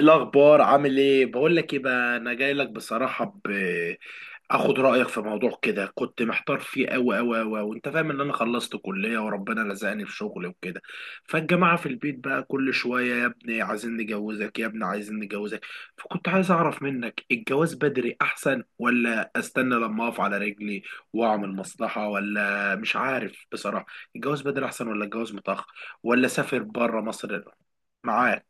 الأخبار عامل إيه؟ بقول لك إيه بقى، أنا جاي لك بصراحة آخد رأيك في موضوع كده. كنت محتار فيه أوي أوي أوي، وأنت فاهم إن أنا خلصت كلية وربنا لزقني في شغل وكده. فالجماعة في البيت بقى كل شوية: يا ابني عايزين نجوزك، يا ابني عايزين نجوزك. فكنت عايز أعرف منك، الجواز بدري أحسن ولا أستنى لما أقف على رجلي وأعمل مصلحة؟ ولا مش عارف بصراحة. الجواز بدري أحسن ولا الجواز متأخر؟ ولا أسافر بره مصر؟ معاك.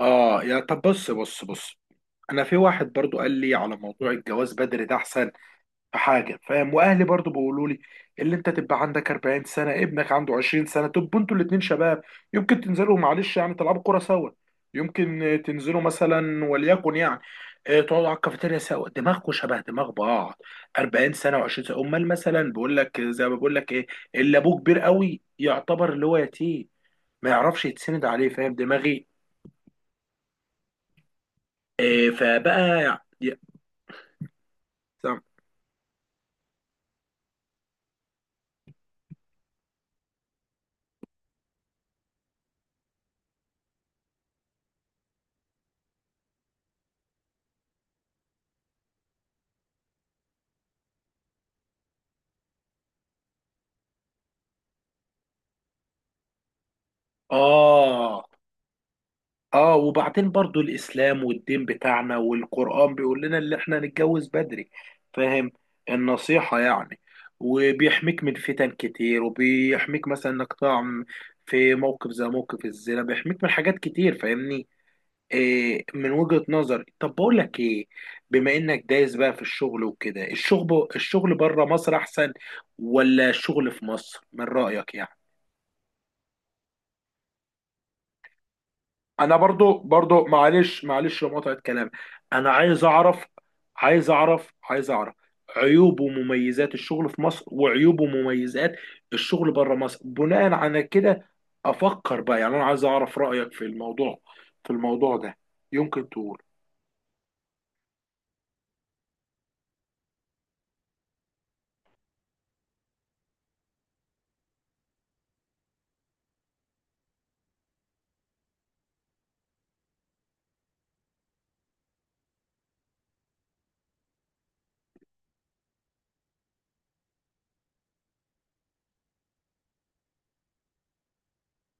اه، يا طب بص بص بص، انا في واحد برضو قال لي على موضوع الجواز بدري ده احسن. في حاجه فاهم، واهلي برضو بيقولوا لي اللي انت تبقى عندك 40 سنه، ابنك عنده 20 سنه، تبقوا انتوا الاتنين شباب. يمكن تنزلوا معلش يعني تلعبوا كوره سوا. يمكن تنزلوا مثلا وليكن يعني تقعدوا على الكافيتيريا سوا، دماغكم شبه دماغ بعض. 40 سنه و20 سنه، امال مثلا بيقول لك زي ما بقول لك ايه، اللي ابوه كبير قوي يعتبر اللي هو يتيم، ما يعرفش يتسند عليه. فاهم دماغي؟ إيه فبقى يعني اه اه وبعدين برضو الاسلام والدين بتاعنا والقرآن بيقول لنا اللي احنا نتجوز بدري. فاهم؟ النصيحة يعني. وبيحميك من فتن كتير، وبيحميك مثلا انك تقع في موقف زي موقف الزنا. بيحميك من حاجات كتير فاهمني. إيه من وجهة نظري. طب بقول لك ايه، بما انك دايس بقى في الشغل وكده، الشغل الشغل بره مصر احسن ولا الشغل في مصر من رأيك يعني؟ انا برضو معلش معلش لمقاطعة كلام، انا عايز اعرف عيوب ومميزات الشغل في مصر، وعيوب ومميزات الشغل بره مصر، بناء على كده افكر بقى يعني. انا عايز اعرف رأيك في الموضوع، في الموضوع ده. يمكن تقول.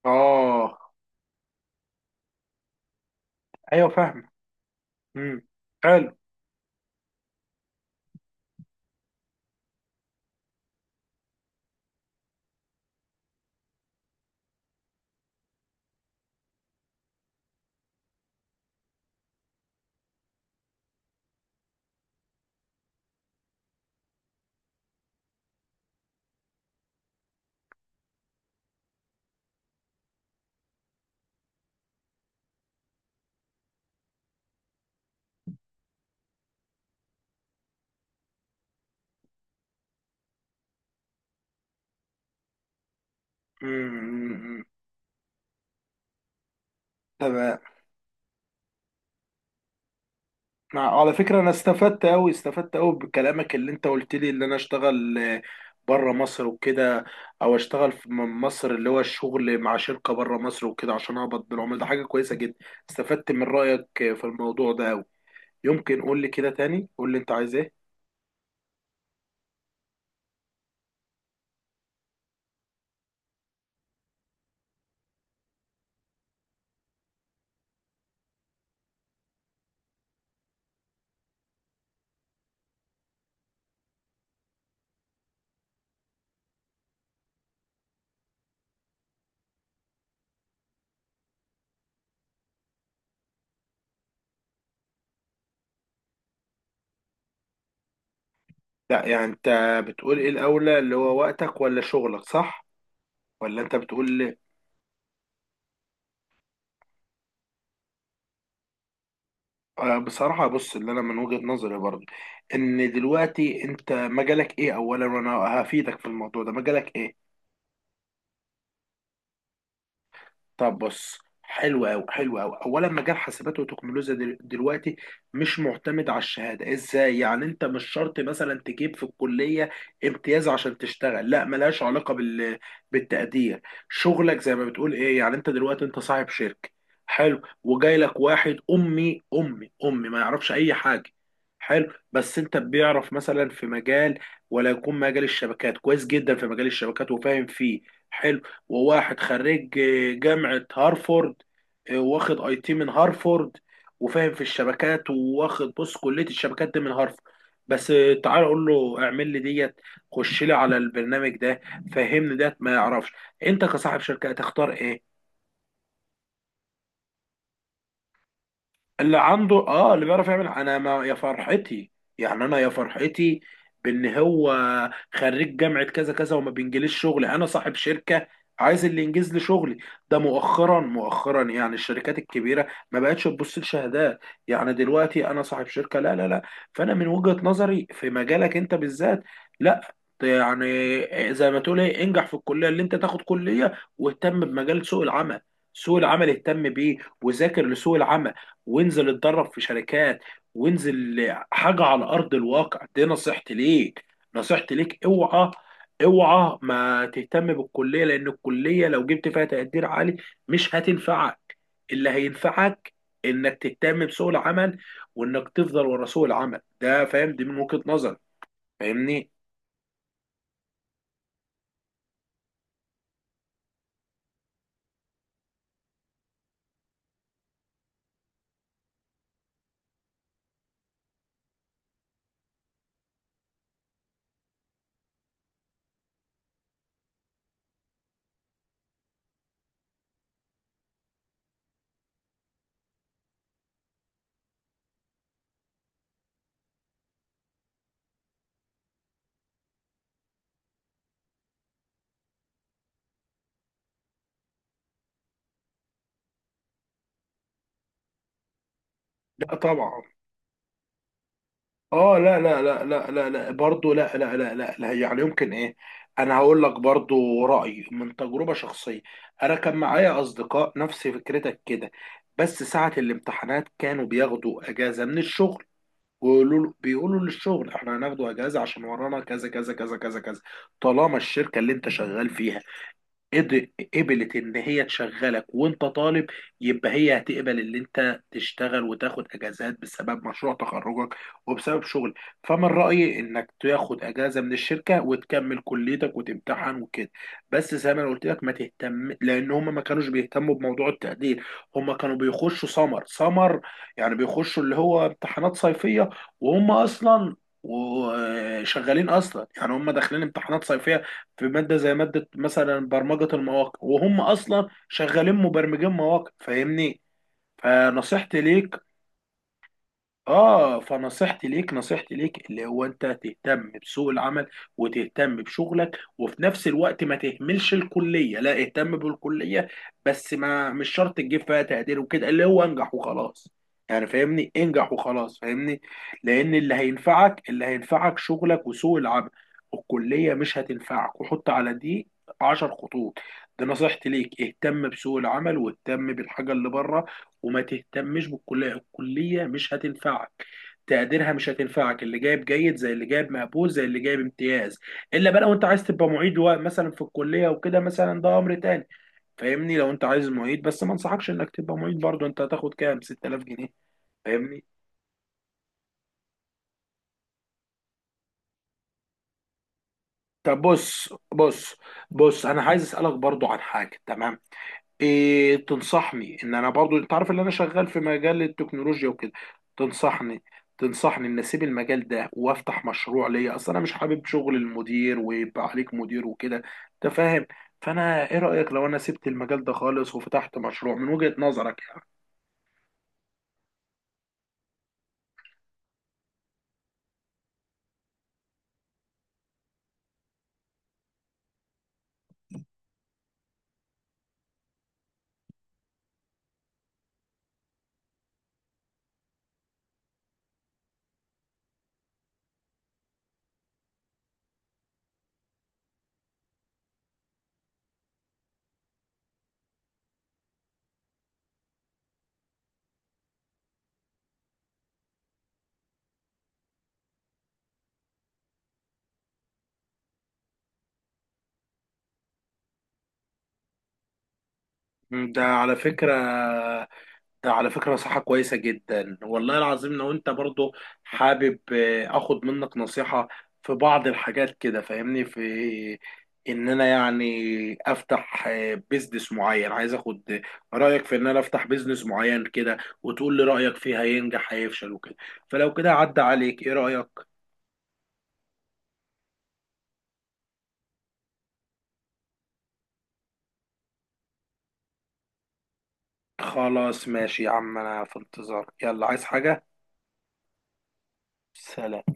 اه. ايوه فاهم. امم حلو. امم تمام. على فكرة أنا استفدت أوي استفدت أوي بكلامك اللي أنت قلت لي إن أنا أشتغل بره مصر وكده، أو أشتغل في مصر، اللي هو الشغل مع شركة بره مصر وكده عشان أقبض بالعملة. ده حاجة كويسة جدا، استفدت من رأيك في الموضوع ده أوي. يمكن قول لي كده تاني، قول لي أنت عايز إيه. لا يعني أنت بتقول إيه الأولى، اللي هو وقتك ولا شغلك، صح؟ ولا أنت بتقول بصراحة بص، اللي أنا من وجهة نظري برضه إن دلوقتي أنت مجالك إيه أولا، وأنا هفيدك في الموضوع ده. مجالك إيه؟ طب بص، حلو قوي حلو قوي. اولا مجال حاسبات وتكنولوجيا دلوقتي مش معتمد على الشهاده. ازاي يعني؟ انت مش شرط مثلا تجيب في الكليه امتياز عشان تشتغل، لا، ملهاش علاقه بال بالتقدير. شغلك زي ما بتقول ايه يعني. انت دلوقتي انت صاحب شركه، حلو، وجاي لك واحد امي امي امي ما يعرفش اي حاجه، حلو. بس انت بيعرف مثلا في مجال، ولا يكون مجال الشبكات كويس جدا، في مجال الشبكات وفاهم فيه، حلو. وواحد خريج جامعة هارفورد، واخد اي تي من هارفورد وفاهم في الشبكات، واخد بص كلية الشبكات دي من هارفورد بس. تعال اقول له اعمل لي ديت، خش لي على البرنامج ده، فهمني ديت ما يعرفش. انت كصاحب شركة هتختار ايه؟ اللي عنده اه اللي بيعرف يعمل. انا ما يا فرحتي يعني، انا يا فرحتي بان هو خريج جامعة كذا كذا وما بينجليش شغل. انا صاحب شركة عايز اللي ينجز لي شغلي. ده مؤخرا مؤخرا يعني الشركات الكبيرة ما بقتش تبص لشهادات، يعني دلوقتي انا صاحب شركة لا لا لا. فانا من وجهة نظري في مجالك انت بالذات لا، يعني زي ما تقول ايه، انجح في الكلية اللي انت تاخد كلية، واهتم بمجال سوق العمل. سوق العمل اهتم بيه، وذاكر لسوق العمل، وانزل اتدرب في شركات، وانزل حاجة على أرض الواقع. دي نصيحتي ليك، نصيحتي ليك. اوعى اوعى ما تهتم بالكلية، لأن الكلية لو جبت فيها تقدير عالي مش هتنفعك. اللي هينفعك إنك تهتم بسوق العمل، وإنك تفضل ورا سوق العمل ده فاهم. دي من وجهة نظري فاهمني؟ لا طبعا. اه لا لا لا لا لا لا برضه لا لا لا لا لا يعني يمكن ايه. انا هقول لك برضه رأيي من تجربة شخصية. انا كان معايا اصدقاء نفس فكرتك كده، بس ساعة الامتحانات كانوا بياخدوا اجازة من الشغل، بيقولوا للشغل احنا هناخدوا اجازة عشان ورانا كذا كذا كذا كذا كذا. طالما الشركة اللي انت شغال فيها قبلت ان هي تشغلك وانت طالب، يبقى هي هتقبل ان انت تشتغل وتاخد اجازات بسبب مشروع تخرجك وبسبب شغل. فمن رايي انك تاخد اجازه من الشركه وتكمل كليتك وتمتحن وكده. بس زي ما انا قلت لك ما تهتم، لان هم ما كانوش بيهتموا بموضوع التقدير. هم كانوا بيخشوا سمر سمر، يعني بيخشوا اللي هو امتحانات صيفيه، وهم اصلا وشغالين اصلا يعني. هم داخلين امتحانات صيفيه في ماده زي ماده مثلا برمجه المواقع، وهم اصلا شغالين مبرمجين مواقع فاهمني. فنصيحتي ليك. اه فنصيحتي ليك، نصيحتي ليك اللي هو انت تهتم بسوق العمل وتهتم بشغلك، وفي نفس الوقت ما تهملش الكليه، لا اهتم بالكليه. بس ما مش شرط تجيب فيها تقدير وكده، اللي هو انجح وخلاص. يعني فاهمني، انجح وخلاص فاهمني. لان اللي هينفعك اللي هينفعك شغلك وسوق العمل. الكليه مش هتنفعك. وحط على دي 10 خطوط. دي نصيحتي ليك. اهتم بسوق العمل واهتم بالحاجه اللي بره، وما تهتمش بالكليه. الكليه مش هتنفعك، تقديرها مش هتنفعك. اللي جايب جيد زي اللي جايب مقبول زي اللي جايب امتياز. الا بقى لو انت عايز تبقى معيد مثلا في الكليه وكده مثلا، ده امر تاني فاهمني. لو انت عايز معيد، بس ما انصحكش انك تبقى معيد برضه. انت هتاخد كام؟ 6000 جنيه. فاهمني؟ طب بص بص بص، انا عايز اسالك برضو عن حاجه، تمام؟ إيه تنصحني ان انا برضو، انت عارف ان انا شغال في مجال التكنولوجيا وكده. تنصحني تنصحني ان اسيب المجال ده وافتح مشروع ليا؟ اصل انا مش حابب شغل المدير ويبقى عليك مدير وكده، انت فاهم. فانا ايه رأيك لو انا سبت المجال ده خالص وفتحت مشروع من وجهة نظرك؟ يعني ده على فكرة، على فكرة نصيحة كويسة جدا والله العظيم. لو انت برضو حابب اخد منك نصيحة في بعض الحاجات كده فاهمني، في ان انا يعني افتح بيزنس معين. عايز اخد رأيك في ان انا افتح بيزنس معين كده، وتقول لي رأيك فيه، هينجح هيفشل وكده. فلو كده عدى عليك ايه رأيك؟ خلاص ماشي يا عم انا في انتظارك. يلا عايز حاجة؟ سلام.